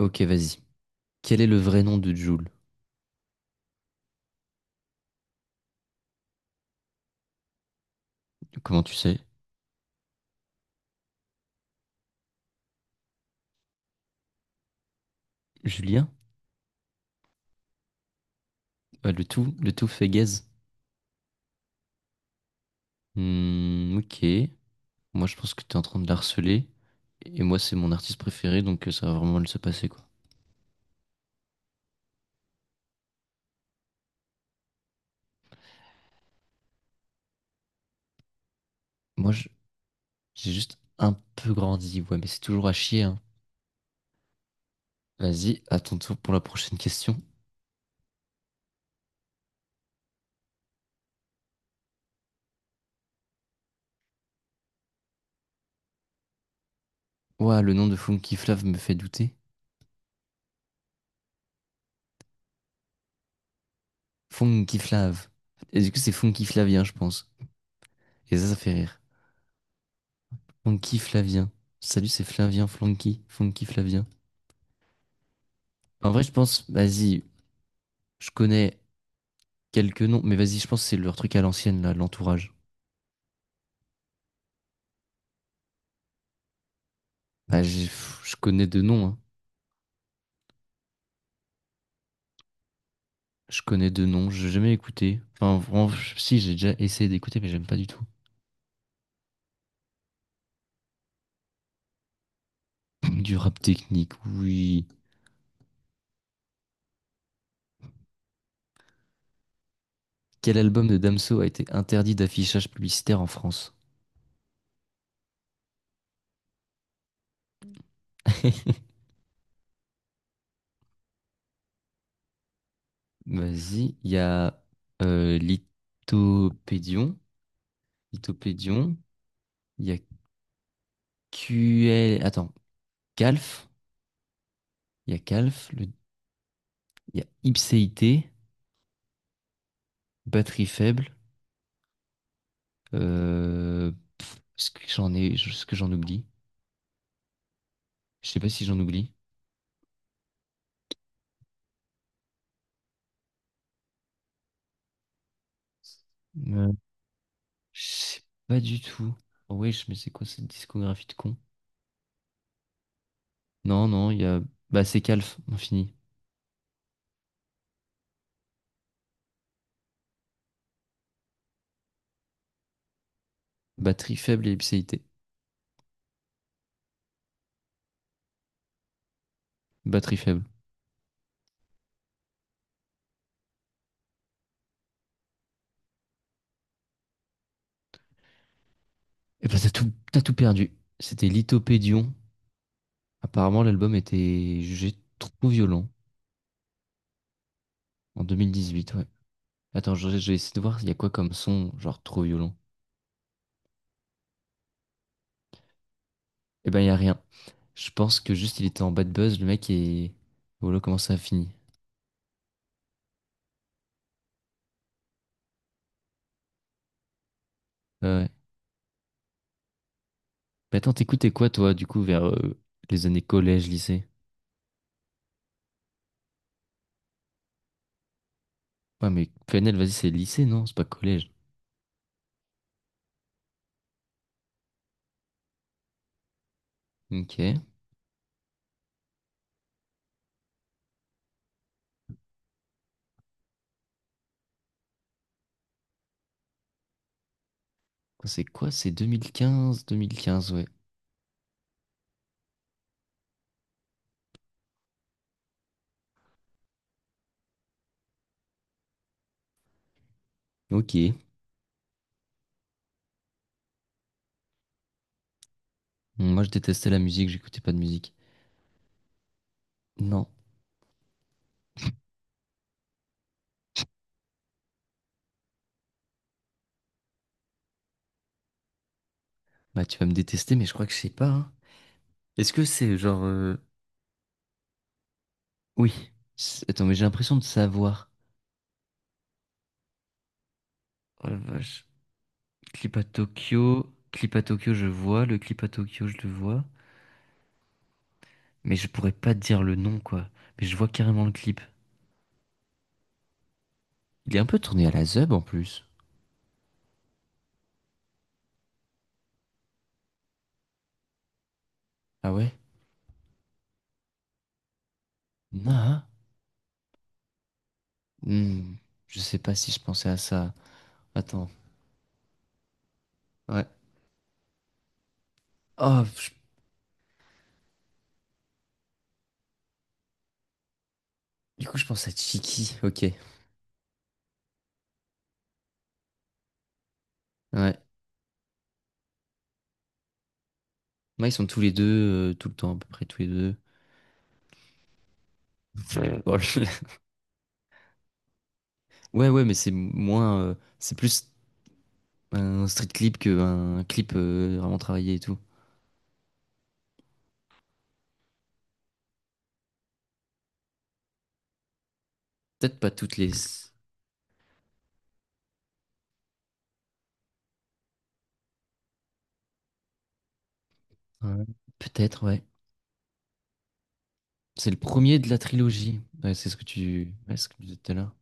Ok, vas-y. Quel est le vrai nom de Jules? Comment tu sais? Julien? Ah, le tout fait gaze. Ok. Moi, je pense que t'es en train de la harceler. Et moi, c'est mon artiste préféré, donc ça va vraiment mal se passer, quoi. Moi, je- j'ai juste un peu grandi. Ouais, mais c'est toujours à chier, hein. Vas-y, à ton tour pour la prochaine question. Ouah, le nom de Funky Flav me fait douter. Funky Flav. Et du coup, c'est Funky Flavien, je pense. Et ça fait rire. Funky Flavien. Salut, c'est Flavien Flonky. Funky Flavien. En vrai, je pense, vas-y, je connais quelques noms, mais vas-y, je pense que c'est leur truc à l'ancienne, là, l'entourage. Je connais deux noms, hein. Je connais deux noms, j'ai jamais écouté. Enfin, vraiment, si, j'ai déjà essayé d'écouter, mais j'aime pas du tout. Du rap technique, oui. Quel album de Damso a été interdit d'affichage publicitaire en France? Vas-y, il y a Lithopédion, Lithopédion, il y a QL, attends, Calf, il y a il y a Ipséité, Batterie faible. Euh, ce que j'en ai, ce que j'en oublie? Je sais pas si j'en oublie. Euh, je sais pas du tout. Oh wesh, mais c'est quoi cette discographie de con? Non, non, il y a. Bah, c'est Calf, on finit. Batterie faible et ipséité. Batterie faible. Et bah, t'as tout perdu. C'était Lithopédion. Apparemment, l'album était jugé trop violent en 2018, ouais. Attends, je vais essayer de voir il y a quoi comme son, genre trop violent. Et ben, il y a rien. Je pense que juste il était en bad buzz, le mec, et voilà comment ça a fini. Ouais. Mais attends, t'écoutais quoi, toi, du coup, vers les années collège, lycée? Ouais, mais PNL, vas-y, c'est lycée, non? C'est pas collège. Ok. C'est quoi? C'est 2015, 2015, ouais. Ok. Moi, je détestais la musique, j'écoutais pas de musique. Non. Bah, tu vas me détester, mais je crois que je sais pas, hein. Est-ce que c'est genre... Oui. Attends, mais j'ai l'impression de savoir. Oh la vache. Clip à Tokyo. Clip à Tokyo, je vois. Le clip à Tokyo, je le vois. Mais je pourrais pas te dire le nom, quoi. Mais je vois carrément le clip. Il est un peu tourné à la zeub en plus. Ah ouais? Non, hein. Hmm, je sais pas si je pensais à ça. Attends. Ouais. Oh, je- du coup, je pense à Chiki. Ok. Ouais. Moi, ils sont tous les deux, tout le temps, à peu près tous les deux. Ouais. Ouais, ouais, mais c'est moins. C'est plus un street clip qu'un clip vraiment travaillé et tout. Peut-être pas toutes les. Ouais. Peut-être, ouais. C'est le premier de la trilogie. Ouais, c'est ce que tu. Ouais, ce que tu disais tout à l'heure.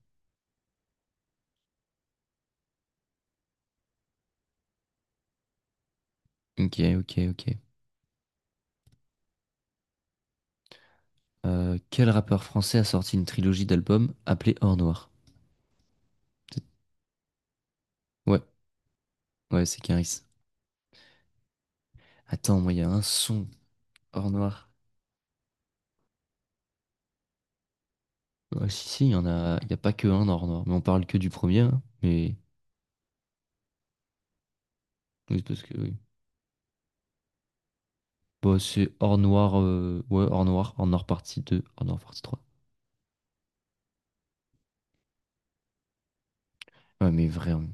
Ok, ok, ok. Quel rappeur français a sorti une trilogie d'albums appelée Or Noir? Ouais, ouais, c'est Caris. Attends, moi, il y a un son Or Noir. Ouais, si, si, il y en a, il y a pas que un Or Noir, mais on parle que du premier, hein, mais oui, parce que oui. Bon, c'est Or Noir, Or Noir, Or Noir partie 2, Or Noir partie trois. Ouais, mais vraiment,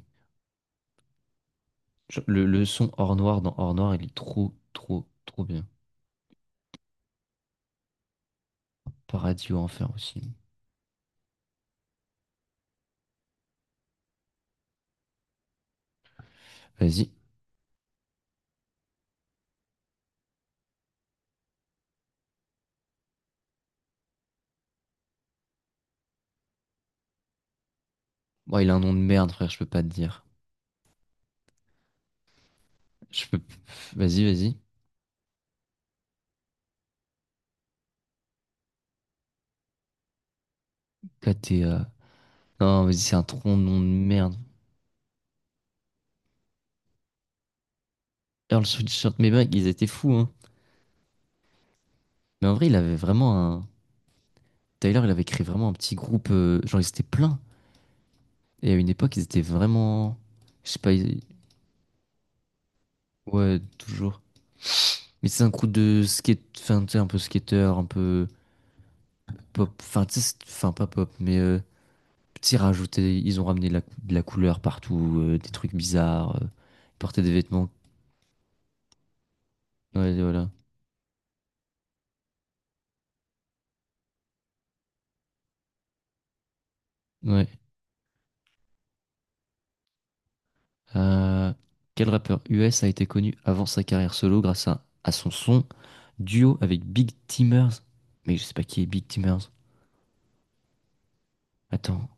genre, le son Or Noir dans Or Noir, il est trop, trop, trop bien. Paradis ou Enfer aussi. Vas-y. Bon, il a un nom de merde, frère, je peux pas te dire. Je peux... Vas-y, vas-y. KTA. Non, mais c'est un tronc de nom de merde. Earl Sweatshirt, mais mec, ils étaient fous, hein. Mais en vrai, il avait vraiment un. Tyler, il avait créé vraiment un petit groupe. Genre, ils étaient pleins. Et à une époque, ils étaient vraiment. Je sais pas. Ils- Ouais, toujours. Mais c'est un groupe de skate. Enfin, tu sais, un peu skater, un peu pop. Enfin, tu sais, pas pop, mais. Petit rajouté. Ils ont ramené de la, de la couleur partout, des trucs bizarres. Ils portaient des vêtements. Ouais, voilà. Ouais. Euh, quel rappeur US a été connu avant sa carrière solo grâce à, son duo avec Big Timers? Mais je sais pas qui est Big Timers. Attends.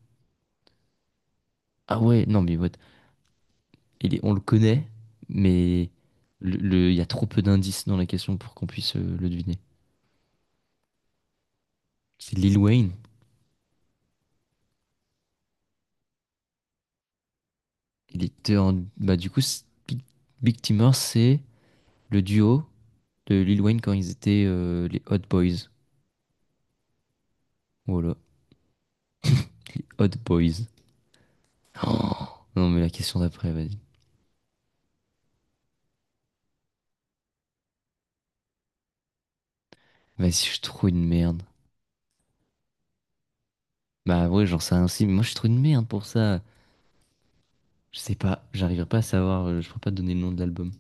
Ah ouais, non mais what? On le connaît, mais il y a trop peu d'indices dans la question pour qu'on puisse le deviner. C'est Lil Wayne. Il était en... Big, Big Timers, c'est le duo de Lil Wayne quand ils étaient les Hot Boys. Voilà. Les Hot Boys. Oh non mais la question d'après, vas-y. Vas-y, je suis trop une merde. Bah ouais, j'en sais rien aussi, mais moi je suis trop une merde pour ça. Je sais pas, j'arriverai pas à savoir, je pourrais pas te donner le nom de l'album.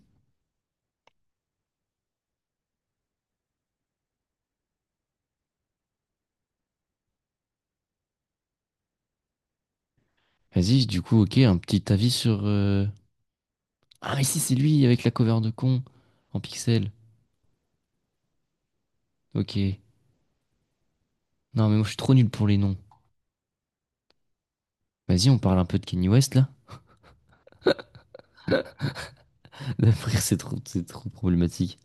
Vas-y, du coup, ok, un petit avis sur... Ah mais si, c'est lui, avec la cover de con, en pixel. Ok. Non mais moi je suis trop nul pour les noms. Vas-y, on parle un peu de Kanye West là. D'après, c'est trop problématique.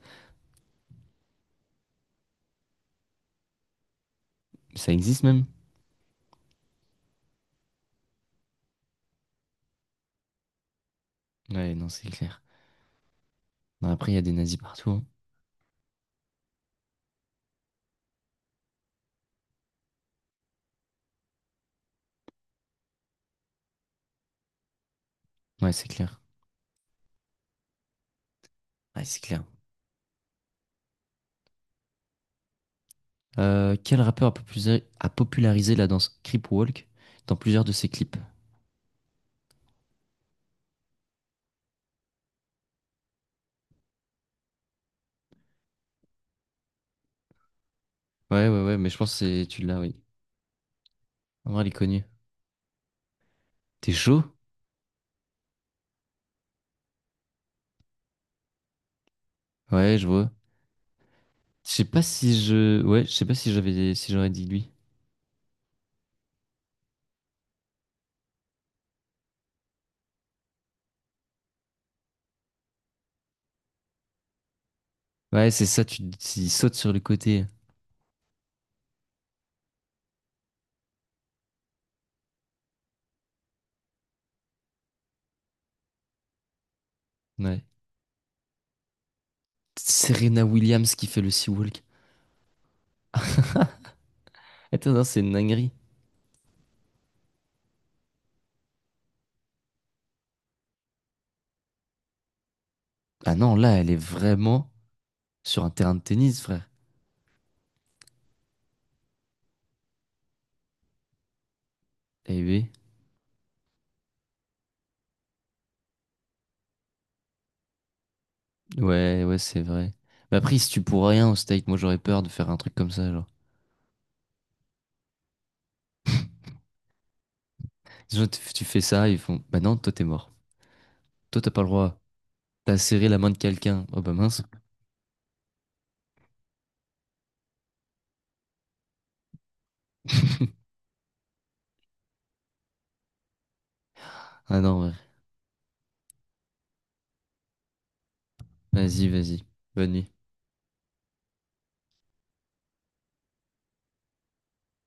Ça existe même? Ouais, non, c'est clair. Non, après, il y a des nazis partout, hein. Ouais, c'est clair. Ouais, c'est clair. Quel rappeur a popularisé la danse Crip Walk dans plusieurs de ses clips? Ouais, mais je pense que c'est- tu l'as, oui. En vrai, elle est connue. T'es chaud? Ouais, je vois. Je sais pas si je. Ouais, je sais pas si j'avais si j'aurais dit lui. Ouais, c'est ça, tu il saute sur le côté. Ouais. Serena Williams qui fait le sea walk. Attends, non, c'est une dinguerie. Ah non, là, elle est vraiment sur un terrain de tennis, frère. Eh oui. Ouais, ouais, c'est vrai. Mais après, si tu pour rien au steak, moi j'aurais peur de faire un truc comme ça, genre. Disons, tu fais ça, ils font. Bah non, toi t'es mort. Toi t'as pas le droit. T'as serré la main de quelqu'un. Oh bah mince. Ah non, ouais. Vas-y, vas-y. Bonne nuit.